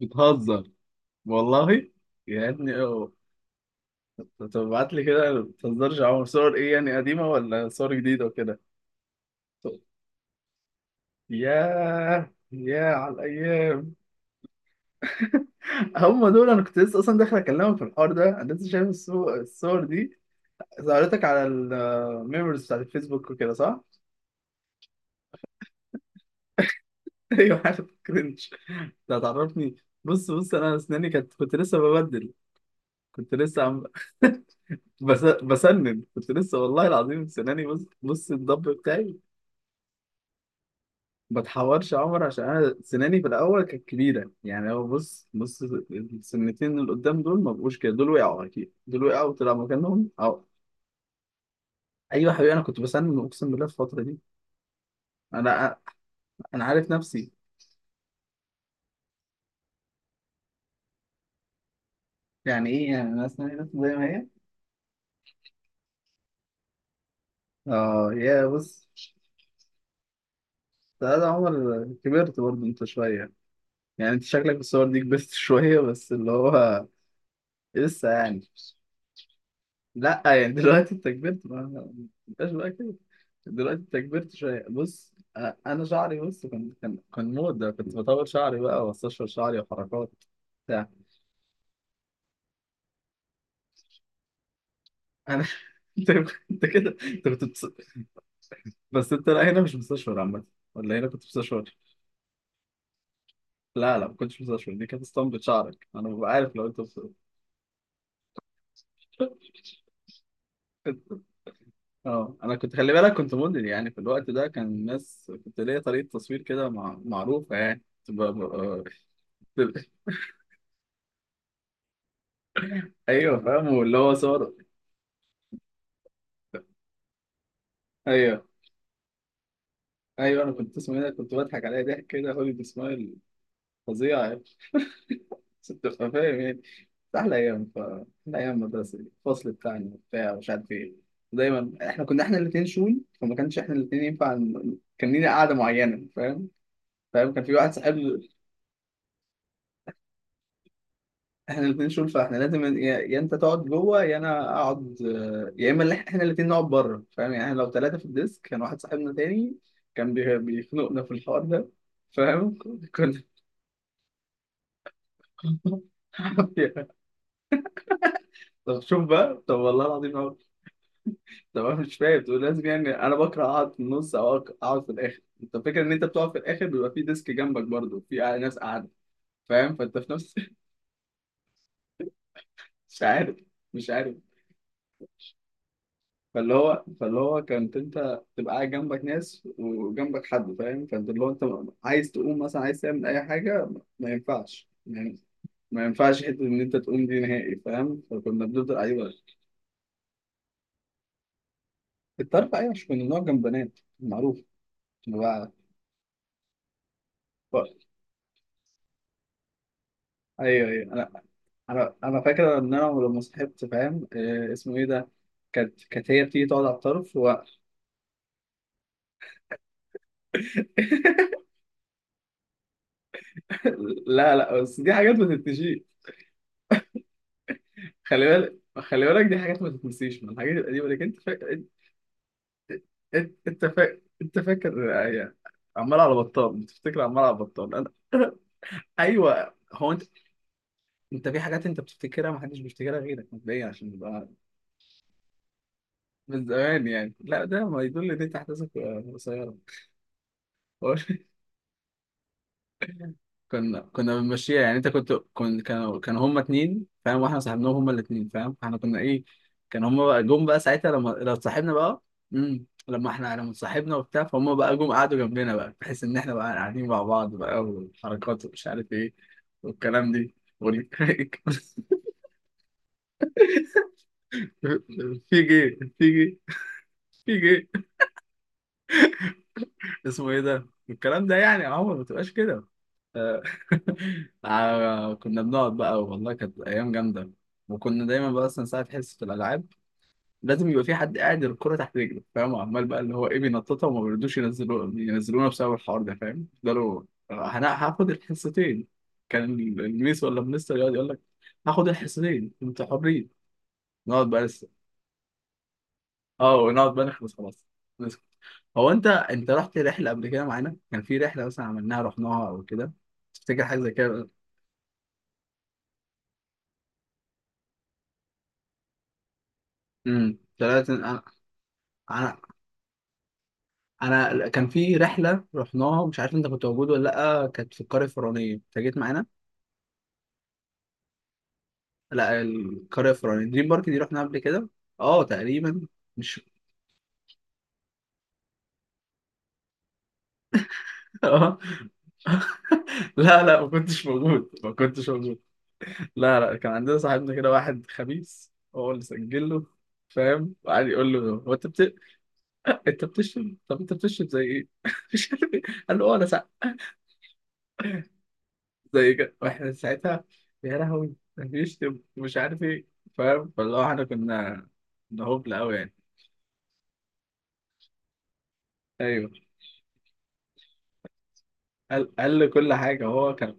بتهزر. والله يا ابني اه. طب ابعت لي كده، ما بتهزرش يا عمر. صور ايه يعني، قديمه ولا صور جديده وكده؟ طب- ياه ياه على الايام. هم دول. انا كنت لسه اصلا داخل اكلمك في الحوار ده، انا لسه شايف الصور دي. ظهرتك على الميموريز بتاعت الفيسبوك وكده، صح؟ ايوه، حاجه كرنج. ده هتعرفني. بص انا اسناني كانت، كنت لسه ببدل. كنت لسه عم. بسنن كنت لسه والله العظيم. سناني بص الضب بتاعي. بتحورش يا عمر، عشان انا سناني في الاول كانت كبيره يعني. هو بص السنتين اللي قدام دول ما بقوش كده. دول وقعوا اكيد، دول وقعوا وطلع مكانهم، او ايوه يا حبيبي. انا كنت بسنن اقسم بالله في الفتره دي. انا انا عارف نفسي. يعني ايه يعني؟ انا سناني بس زي ما هي. اه يا بص. ده عمر، كبرت برضه انت شويه. يعني انت شكلك بالصور دي كبرت شويه بس، اللي هو لسه يعني. لا، يعني دلوقتي انت كبرت. ما ما انتش بقى كده. دلوقتي انت كبرت شويه. بص انا شعري، بص، كان موضه. كنت بطول شعري بقى، واستشفى شعري، وحركات بتاع. انا. انت انت كده، انت بس انت لا هنا مش مستشفر عامه، ولا هنا كنت مستشفر. لا لا، ما كنتش مستشفر. دي كانت اسطمبة شعرك، انا ببقى عارف لو انت مستشفر. اه، انا كنت، خلي بالك، كنت موديل يعني في الوقت ده. كان الناس، كنت ليا طريقه تصوير كده معروفه يعني. كنت ب- ب- ايوه، فاهم واللي هو صارت. ايوه ايوه انا كنت، اسمه ايه ده؟ كنت بضحك عليها ضحك كده، هوليد سمايل فظيع يعني. ست، فاهم يعني. احلى ايام، احلى ايام مدرسه دي. الفصل بتاعنا وبتاع ومش عارف ايه. دايما احنا كنا، احنا الاثنين شول، فما كانش احنا الاثنين ينفع كان لينا قعده معينه، فاهم. فاهم. كان في واحد صاحبنا، احنا الاثنين شول، فاحنا لازم يا انت تقعد جوه، يا انا اقعد، يا اما اللي احنا الاثنين نقعد بره، فاهم يعني. احنا لو ثلاثه في الديسك، كان واحد صاحبنا تاني كان بيخنقنا في الحوار ده، فاهم. كنا طب شوف بقى، طب والله العظيم أهو. طب انا مش فاهم، تقول لازم يعني انا بكره اقعد في النص او اقعد في الاخر. انت فكرة ان انت بتقعد في الاخر بيبقى في ديسك جنبك برضه في ناس قاعده، فاهم. فانت في نفس. مش عارف. مش عارف. فاللي هو كنت انت تبقى قاعد جنبك ناس وجنبك حد، فاهم. فانت اللي هو انت عايز تقوم مثلا، عايز تعمل اي حاجه، ما ينفعش يعني. ما ينفعش حته ان انت تقوم دي نهائي، فاهم. فكنا بنفضل. ايوه، كنت عارف. ايوه، مش كنا بنقعد جنب بنات معروف. كنا بقى ف- ايوه انا. انا فاكر ان انا لما صحبت، فاهم، آه، اسمه ايه ده، كانت، كانت هي بتيجي تقعد على الطرف. لا لا، بس دي حاجات ما تتنسيش. خلي بالك دي حاجات ما تتنسيش من الحاجات القديمه، لكن انت فاكر. انت فاكر انت فاكر. أي- عمال على بطال بتفتكر، عمال على بطال. انا ايوه هو انت. انت في حاجات انت بتفتكرها ما حدش بيفتكرها غيرك مبدئيا، عشان نبقى من زمان يعني. لا، ده ما يدل ان انت احداثك قصيره. هو كنا، كنا بنمشيها يعني. انت كنت، كانوا هما اتنين، فاهم، واحنا صاحبناهم هما الاتنين، فاهم. احنا كنا ايه، كان هما بقى جم بقى ساعتها لما لو صاحبنا بقى. لما احنا لما صاحبنا وبتاع فهم بقى جم قعدوا جنبنا بقى، بحيث ان احنا بقى قاعدين مع بعض بقى، والحركات ومش عارف ايه والكلام دي في جي في جي في جي اسمه ايه ده الكلام ده يعني، يا عمر ما تبقاش كده. آه. آه، كنا بنقعد بقى، والله كانت ايام جامده. وكنا دايما بقى اصلا ساعه حصه الالعاب لازم يبقى في حد قاعد الكرة تحت رجله، فاهم. عمال بقى اللي هو ايه بينططها، وما بيردوش ينزلوا، ينزلونا بسبب الحوار ده، فاهم. يفضلوا، انا هاخد الحصتين. كان الميس ولا المستر يقعد يقول لك، هاخد الحصتين انتوا حرين. نقعد بقى لسه، اه، ونقعد بقى نخلص، خلاص نسكت. هو انت، انت رحت رحلة قبل كده معانا؟ كان في رحلة مثلا عملناها رحناها او كده، تفتكر حاجة زي كده؟ ثلاثة انا. انا انا كان في رحلة رحناها مش عارف انت كنت موجود ولا لا، كانت في القرية الفرعونية، انت جيت معانا. لا، القرية الفرعونية. دريم بارك دي رحنا قبل كده. اه تقريبا. مش اه. لا لا، ما كنتش موجود، ما كنتش موجود. لا لا، كان عندنا صاحبنا كده واحد خبيث، هو اللي سجل له، فاهم، وقعد يقول له، هو انت بت... انت بتشرب؟ طب انت بتشرب زي ايه؟ مش عارف ايه. قال له اه انا ساعات زي كده. واحنا ساعتها، يا لهوي، ده بيشتم ومش عارف ايه، فاهم. فاللي هو احنا كنا، كنا هبل قوي يعني. ايوه، قال له كل حاجه. هو كان،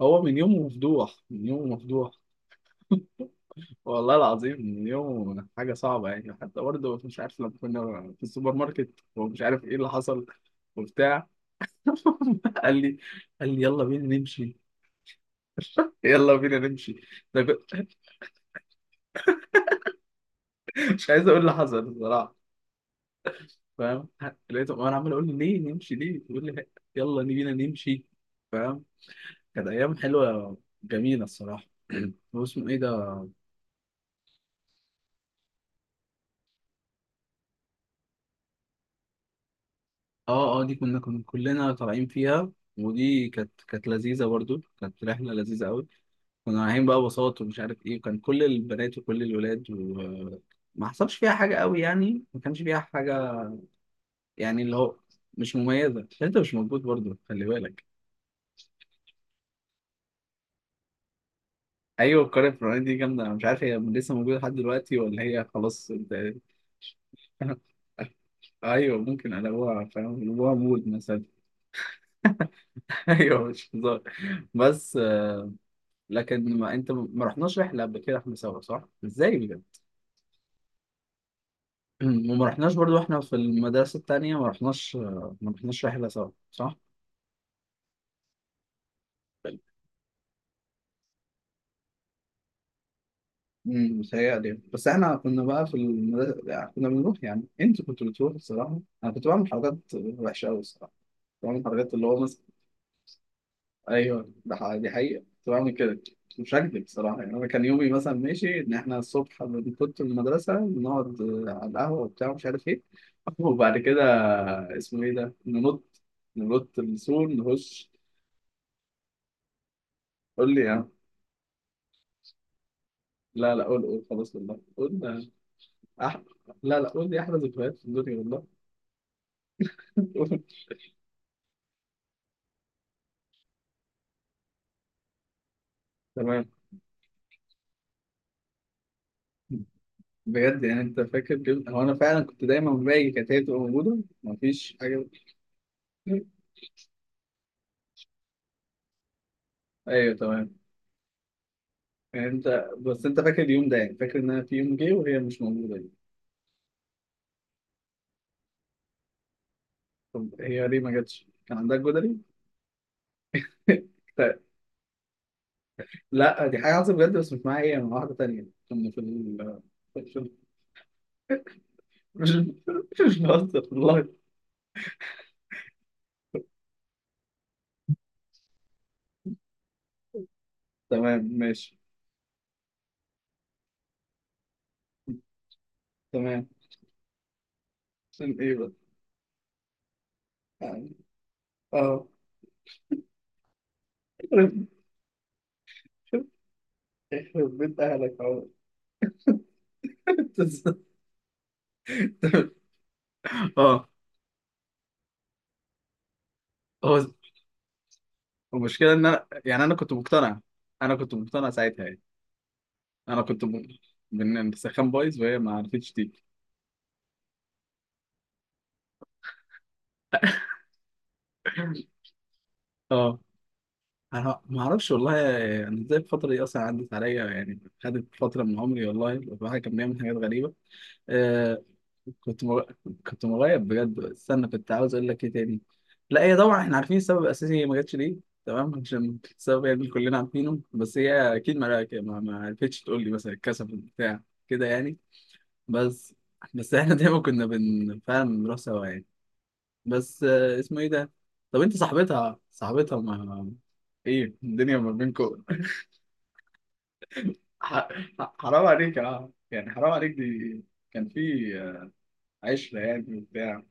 هو من يومه مفضوح، من يومه مفضوح. والله العظيم من يومه حاجة صعبة يعني. حتى برضه مش عارف لما كنا في السوبر ماركت ومش عارف ايه اللي حصل وبتاع، قال لي قال لي يلا بينا نمشي. يلا بينا نمشي. أنا كنت- مش عايز اقول اللي حصل بصراحة، فاهم. لقيته انا عمال اقول له ليه نمشي، ليه، بيقول لي يلا بينا نمشي، فاهم. كانت ايام حلوة، جميلة الصراحة. واسمه ايه ده، اه دي كنا، كنا كلنا طالعين فيها. ودي كانت، كانت لذيذة برضو، كانت رحلة لذيذة قوي. كنا رايحين بقى بساط ومش عارف ايه، وكان كل البنات وكل الولاد، وما حصلش فيها حاجة قوي يعني، ما كانش فيها حاجة يعني، اللي هو مش مميزة عشان انت مش موجود برضو، خلي بالك. ايوه، القرية الفلانية دي جامدة. انا مش عارف هي لسه موجودة لحد دلوقتي ولا هي خلاص؟ انت ايوه ممكن قلبوها، فاهم، قلبوها مود مثلا. ايوه مش هزار، بس لكن ما انت، ما رحناش رحله قبل كده احنا سوا صح؟ ازاي بجد؟ وما رحناش برضو احنا في المدرسه التانيه، ما رحناش، ما رحناش رحله سوا صح؟ متهيألي. بس احنا كنا بقى في المدرسة يعني، كنا بنروح يعني، انت كنت بتروح الصراحة. انا كنت بعمل حركات وحشة أوي الصراحة، كنت بعمل حركات اللي هو مثلا. ايوه ده دي حقيقة، كنت بعمل كده، مش هكدب الصراحة يعني. انا كان يومي مثلا ماشي ان احنا الصبح كنت في المدرسة بنقعد، آه، على القهوة وبتاع مش عارف ايه، وبعد كده اسمه ايه ده، ننط، ننط من السور نخش. قول لي يا عم. لا لا، قول خلاص والله قول. أح... لا لا، قول لي احلى ذكريات في الدنيا والله. قول. تمام. بجد يعني انت فاكر كده؟ هو انا فعلا كنت دايما باجي، كانت هي بتبقى موجوده مفيش حاجه. ايوه تمام. يعني انت بس، انت فاكر اليوم ده يعني؟ فاكر ان انا في يوم جه وهي مش موجوده دي؟ طب هي ليه ما جاتش؟ كان عندها جدري؟ لا دي حاجه حصلت بجد، بس مش معايا، هي مع واحده تانيه كنا في مش مش بهزر والله. تمام ماشي. تمام. عشان ايه بقى يعني؟ اه. يخرب، يخرب بيت اهلك اهو. اه. هو المشكله ان انا يعني، انا كنت مقتنع، انا كنت مقتنع ساعتها يعني. انا بان السخان بايظ وهي ما عرفتش تيجي. اه. انا ما اعرفش والله يعني ازاي الفتره دي اصلا عدت عليا يعني، خدت فتره من عمري، والله الواحد كان بيعمل حاجات غريبه. آه. كنت مر... كنت مغيب بجد. استنى، كنت عاوز اقول لك ايه تاني. لا هي طبعا احنا عارفين السبب الاساسي هي ما جاتش ليه. تمام، عشان السبب يعني كلنا عارفينه، بس هي اكيد ما عرفتش تقول لي مثلا، الكسف بتاع كده يعني. بس. بس احنا دايما كنا فعلا بنروح سوا يعني. بس آه، اسمه ايه ده، طب انت صاحبتها، صاحبتها ما ايه الدنيا ما بينكم؟ ح- حرام عليك اه، يعني حرام عليك دي. كان في، آه، عشرة يعني وبتاع.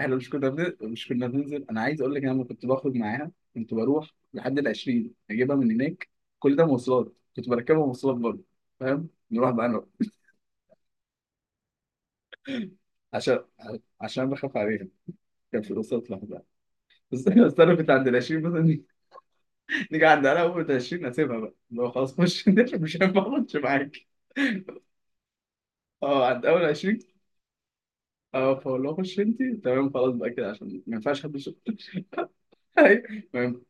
احنا مش كنا بننزل. انا عايز اقول لك، انا لما كنت بخرج معاها كنت بروح لحد ال 20 اجيبها من هناك. كل ده مواصلات، كنت بركبها مواصلات برضه، فاهم. نروح بقى انا. عشان عشان بخاف عليها، كان في الوسط لوحدها. بس بس انا كنت عند ال 20 مثلا، نيجي عند انا اول 20 اسيبها بقى اللي هو، خلاص خش، انت مش هينفع اخش معاك. اه عند اول 20. اه، فاقول له خش انت، تمام، خلاص بقى كده عشان ما ينفعش حد يشوف. أيوة، ما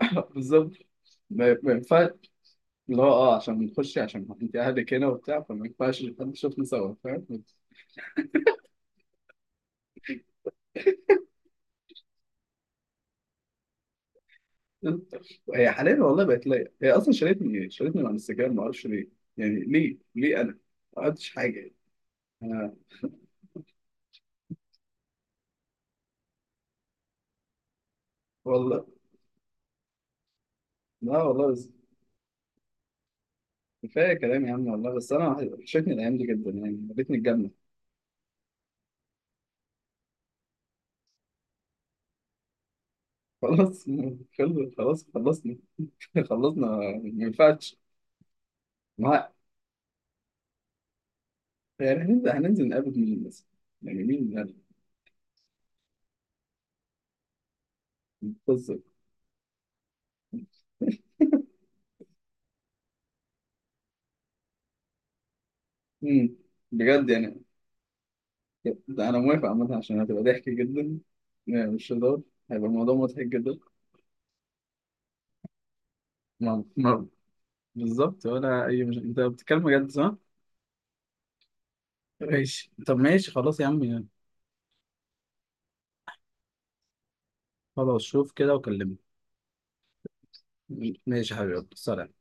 بالظبط. ما ينفعش اللي هو، اه، عشان نخش، عشان انت اهلك هنا وبتاع، فما ينفعش حد يشوفنا سوا، فاهم. هي حاليا والله بقت ليا، هي اصلا شالتني، شالتني من على الانستجرام ما اعرفش ليه. يعني ليه انا ما عملتش حاجه يعني. أنا، والله. لا والله. بس كفايه كلام يا عم، والله بس انا وحشتني الايام دي جدا يعني، يا ريتني الجنه. خلاص، خلاص خلصنا. خلصنا، ما ينفعش. ما يعني هننزل نقابل مين بس؟ يعني مين يعني؟ القصه. مم. بجد يعني؟ ده انا موافق عامه، عشان هتبقى ضحك جدا يعني، مش هزار، هيبقى الموضوع مضحك جدا. ما ما بالظبط ولا اي. مش انت بتتكلم بجد صح؟ ماشي، طب ماشي خلاص يا عم يعني. خلاص، شوف كده وكلمني. ماشي يا حبيبي، يلا، سلام.